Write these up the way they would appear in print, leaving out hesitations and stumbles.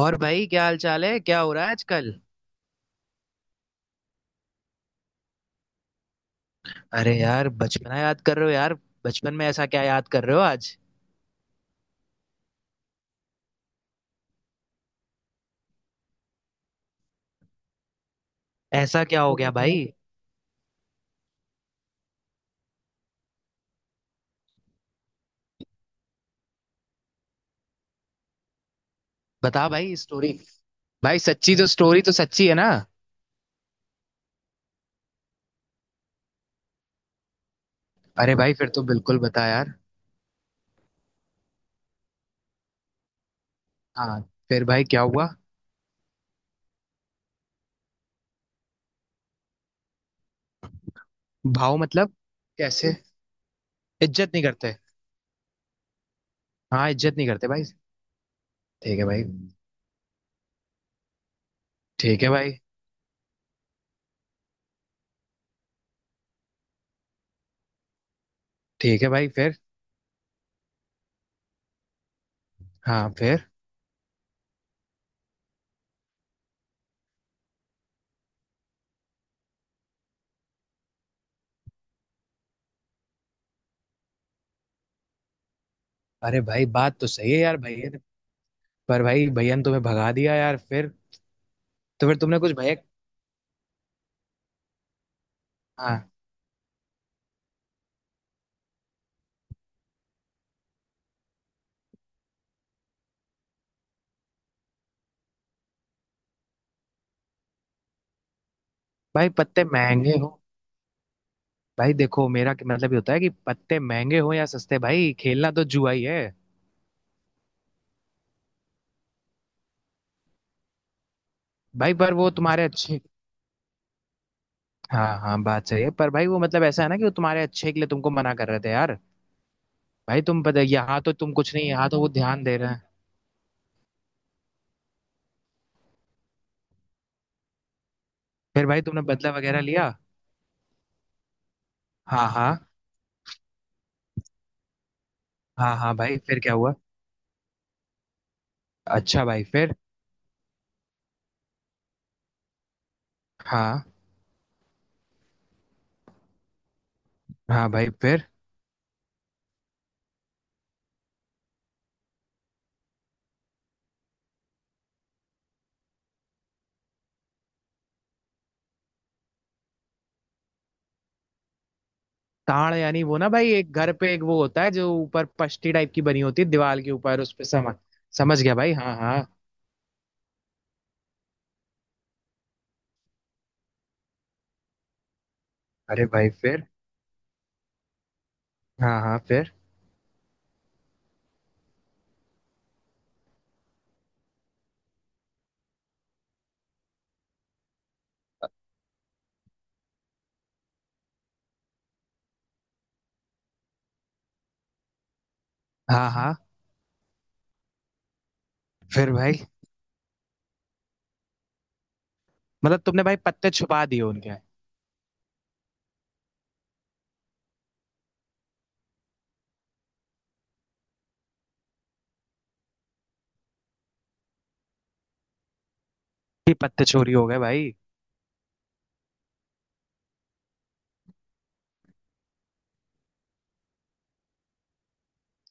और भाई, क्या हाल चाल है? क्या हो रहा है आजकल? अरे यार, बचपना याद कर रहे हो यार? बचपन में ऐसा क्या याद कर रहे हो आज? ऐसा क्या हो गया भाई? बता भाई स्टोरी। भाई सच्ची तो? स्टोरी तो सच्ची है ना? अरे भाई, फिर तो बिल्कुल बता यार। हाँ। फिर भाई क्या हुआ? भाव मतलब? कैसे? इज्जत नहीं करते? हाँ, इज्जत नहीं करते भाई। ठीक है भाई। ठीक है भाई। ठीक है भाई, फिर? हाँ, फिर? अरे भाई, बात तो सही है यार, भैया ने-। पर भाई, भैया ने तुम्हें भगा दिया यार, फिर? तो फिर तुमने कुछ भैया? हाँ। भाई पत्ते महंगे हो। भाई देखो मेरा क्या- मतलब ये होता है कि पत्ते महंगे हो या सस्ते, भाई खेलना तो जुआ ही है। भाई पर वो तुम्हारे अच्छे। हाँ हाँ, बात सही है, पर भाई वो मतलब ऐसा है ना कि वो तुम्हारे अच्छे के लिए तुमको मना कर रहे थे यार। भाई तुम पता, यहाँ तो तुम कुछ नहीं, यहाँ तो वो ध्यान दे रहे हैं। फिर भाई, तुमने बदला वगैरह लिया? हाँ हाँ। हाँ हाँ भाई, फिर क्या हुआ? अच्छा भाई, फिर? हाँ हाँ भाई, फिर? ताड़ यानी वो ना भाई, एक घर पे एक वो होता है जो ऊपर पष्टी टाइप की बनी होती है दीवार के ऊपर, उस पे समझ। समझ गया भाई, हाँ हाँ। अरे भाई, फिर? हाँ हाँ, फिर? हाँ हाँ, फिर भाई? मतलब तुमने भाई पत्ते छुपा दिए उनके? कि पत्ते चोरी हो गए भाई?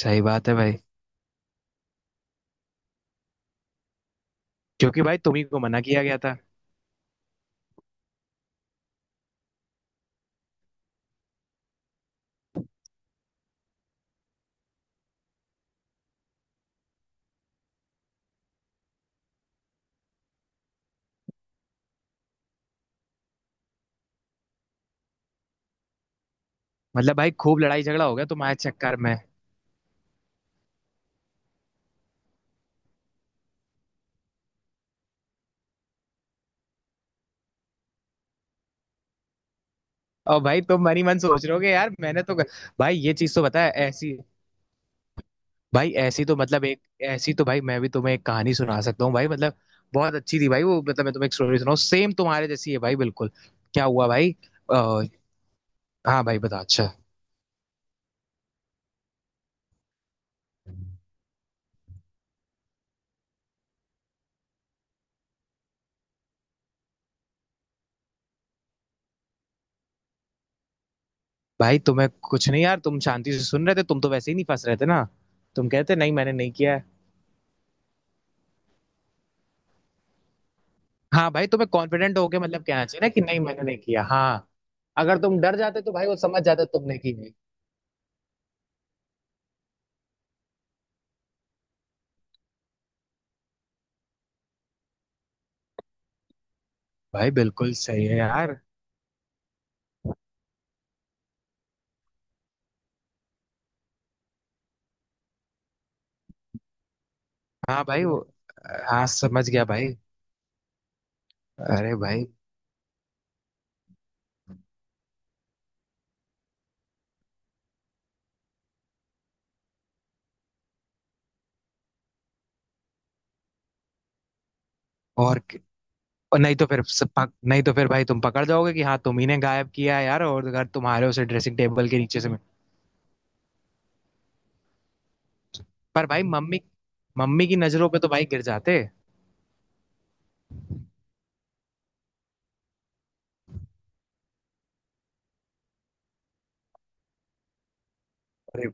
सही बात है भाई। क्योंकि भाई तुम्ही को मना किया गया था। मतलब भाई खूब लड़ाई झगड़ा हो गया तुम्हारे चक्कर में? और भाई तुम मन ही मन सोच रहे होगे यार, मैंने तो। भाई ये चीज तो बताया ऐसी। भाई ऐसी तो मतलब एक। ऐसी तो भाई मैं भी तुम्हें एक कहानी सुना सकता हूँ भाई, मतलब बहुत अच्छी थी भाई वो, मतलब मैं तुम्हें एक स्टोरी सुनाऊँ, सेम तुम्हारे जैसी है भाई, बिल्कुल। क्या हुआ भाई? आ,। हाँ भाई, बता, अच्छा। भाई तुम्हें कुछ नहीं यार, तुम शांति से सुन रहे थे, तुम तो वैसे ही नहीं फंस रहे थे ना। तुम कहते नहीं, मैंने नहीं किया है। हाँ भाई, तुम्हें कॉन्फिडेंट होके मतलब कहना चाहिए ना कि नहीं, मैंने नहीं किया। हाँ, अगर तुम डर जाते तो भाई वो समझ जाते तुमने की नहीं। भाई बिल्कुल सही है यार। हाँ भाई वो। हाँ, समझ गया भाई। अरे भाई। और क-। और नहीं तो फिर सब पक, नहीं तो फिर भाई तुम पकड़ जाओगे कि हाँ तुम ही ने गायब किया है यार। और अगर तुम्हारे उसे ड्रेसिंग टेबल के नीचे से मैं। पर भाई मम्मी, मम्मी की नजरों पे तो भाई गिर जाते। अरे,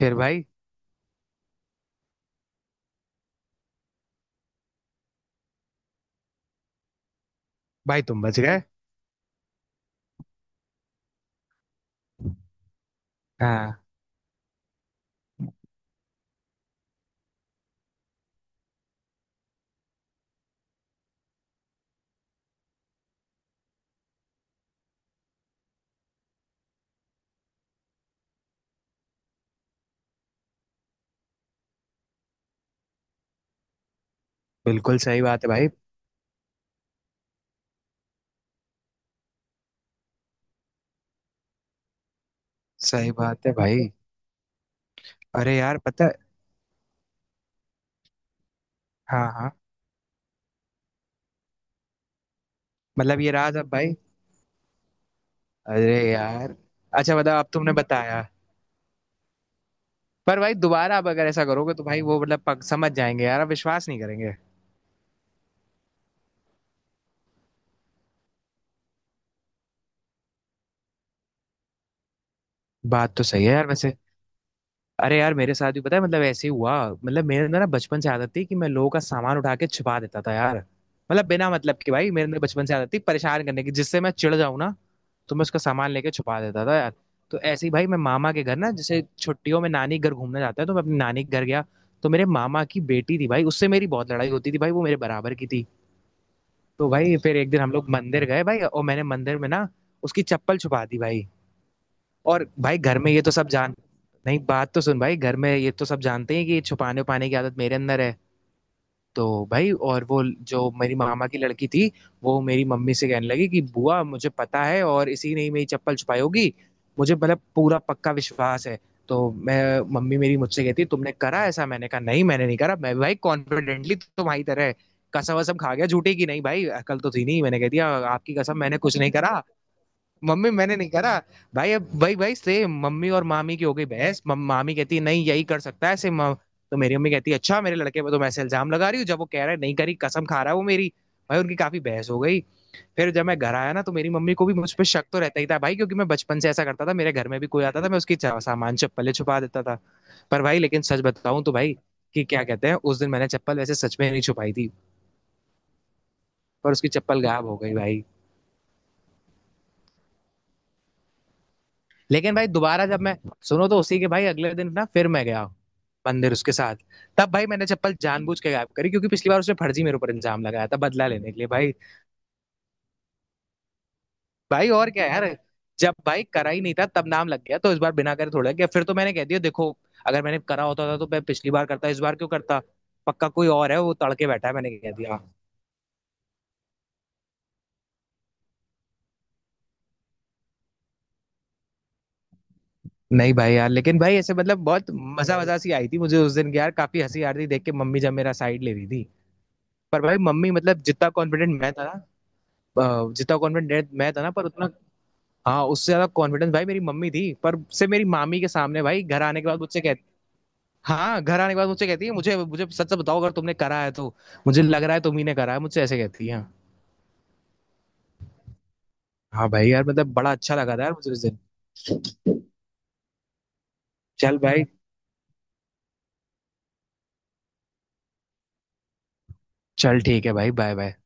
फिर भाई, भाई तुम बच गए? हाँ। बिल्कुल सही बात है भाई। सही बात है भाई। अरे यार, पता है। हाँ हाँ। मतलब ये रहा अब भाई। अरे यार। अच्छा, बताओ अब तुमने बताया। पर भाई दोबारा अब अगर ऐसा करोगे तो भाई वो मतलब पक, समझ जाएंगे यार, अब विश्वास नहीं करेंगे। बात तो सही है यार वैसे। अरे यार, मेरे साथ भी पता है मतलब ऐसे ही हुआ। मतलब मेरे अंदर ना बचपन से आदत थी कि मैं लोगों का सामान उठा के छिपा देता था यार। मतलब बिना मतलब, कि भाई मेरे अंदर बचपन से आदत थी परेशान करने की, जिससे मैं चिढ़ जाऊं ना, तो मैं उसका सामान लेके छुपा देता था यार। तो ऐसे ही भाई मैं मामा के घर ना, जैसे छुट्टियों में नानी के घर घूमने जाता है, तो मैं अपनी नानी के घर गया। तो मेरे मामा की बेटी थी भाई, उससे मेरी बहुत लड़ाई होती थी भाई, वो मेरे बराबर की थी। तो भाई फिर एक दिन हम लोग मंदिर गए भाई, और मैंने मंदिर में ना उसकी चप्पल छुपा दी भाई। और भाई घर में ये तो सब जान। नहीं, बात तो सुन भाई, घर में ये तो सब जानते हैं कि ये छुपाने उपाने की आदत मेरे अंदर है। तो भाई और वो जो मेरी मामा की लड़की थी, वो मेरी मम्मी से कहने लगी कि बुआ मुझे पता है और इसी ने ही मेरी चप्पल छुपाई होगी, मुझे मतलब पूरा पक्का विश्वास है। तो मैं, मम्मी मेरी मुझसे कहती तुमने करा ऐसा, मैंने कहा नहीं मैंने नहीं करा, मैं भी भाई कॉन्फिडेंटली तुम्हारी तरह कसम वसम खा गया झूठे की, नहीं भाई अकल तो थी नहीं, मैंने कह दिया आपकी कसम मैंने कुछ नहीं करा, मम्मी मैंने नहीं करा। भाई अब भाई भाई सेम मम्मी और मामी की हो गई बहस। मम- मामी कहती है नहीं यही कर सकता है ऐसे म-। तो मेरी मम्मी कहती है अच्छा, मेरे लड़के पे तुम ऐसे इल्जाम लगा रही हो जब वो कह रहा है नहीं करी, कसम खा रहा है वो मेरी। भाई उनकी काफी बहस हो गई। फिर जब मैं घर आया ना, तो मेरी मम्मी को भी मुझ पर शक तो रहता ही था भाई, क्योंकि मैं बचपन से ऐसा करता था, मेरे घर में भी कोई आता था मैं उसकी चा- सामान चप्पलें छुपा देता था। पर भाई लेकिन सच बताऊं तो भाई कि क्या कहते हैं, उस दिन मैंने चप्पल वैसे सच में नहीं छुपाई थी, पर उसकी चप्पल गायब हो गई भाई। लेकिन भाई दोबारा जब मैं, सुनो तो, उसी के भाई अगले दिन ना फिर मैं गया मंदिर उसके साथ। तब भाई मैंने चप्पल जानबूझ के गायब करी, क्योंकि पिछली बार उसने फर्जी मेरे ऊपर इंजाम लगाया था, बदला लेने के लिए भाई। भाई और क्या यार। जब भाई करा ही नहीं था तब नाम लग गया, तो इस बार बिना करे थोड़ा गया। फिर तो मैंने कह दिया देखो, अगर मैंने करा होता था तो मैं पिछली बार करता, इस बार क्यों करता? पक्का कोई और है, वो तड़के बैठा है, मैंने कह दिया। नहीं भाई यार, लेकिन भाई ऐसे मतलब बहुत मजा मजा सी आई थी मुझे उस दिन की यार, काफी हंसी आ रही थी देख के, मम्मी जब मेरा साइड ले रही थी। पर भाई मम्मी मतलब जितना कॉन्फिडेंट मैं था ना, जितना कॉन्फिडेंट मैं था ना पर उतना। हाँ, उससे ज्यादा कॉन्फिडेंस भाई मेरी मम्मी थी। पर से मेरी मामी के सामने भाई घर आने के बाद मुझसे कहती। हाँ, घर आने के बाद मुझसे कहती है मुझे मुझे सच सच बताओ अगर तुमने करा है तो, मुझे लग रहा है तुम ही ने करा है मुझझे, ऐसे कहती है। हाँ भाई यार, मतलब बड़ा अच्छा लगा था यार मुझे उस दिन। चल भाई। चल, ठीक है भाई, बाय बाय।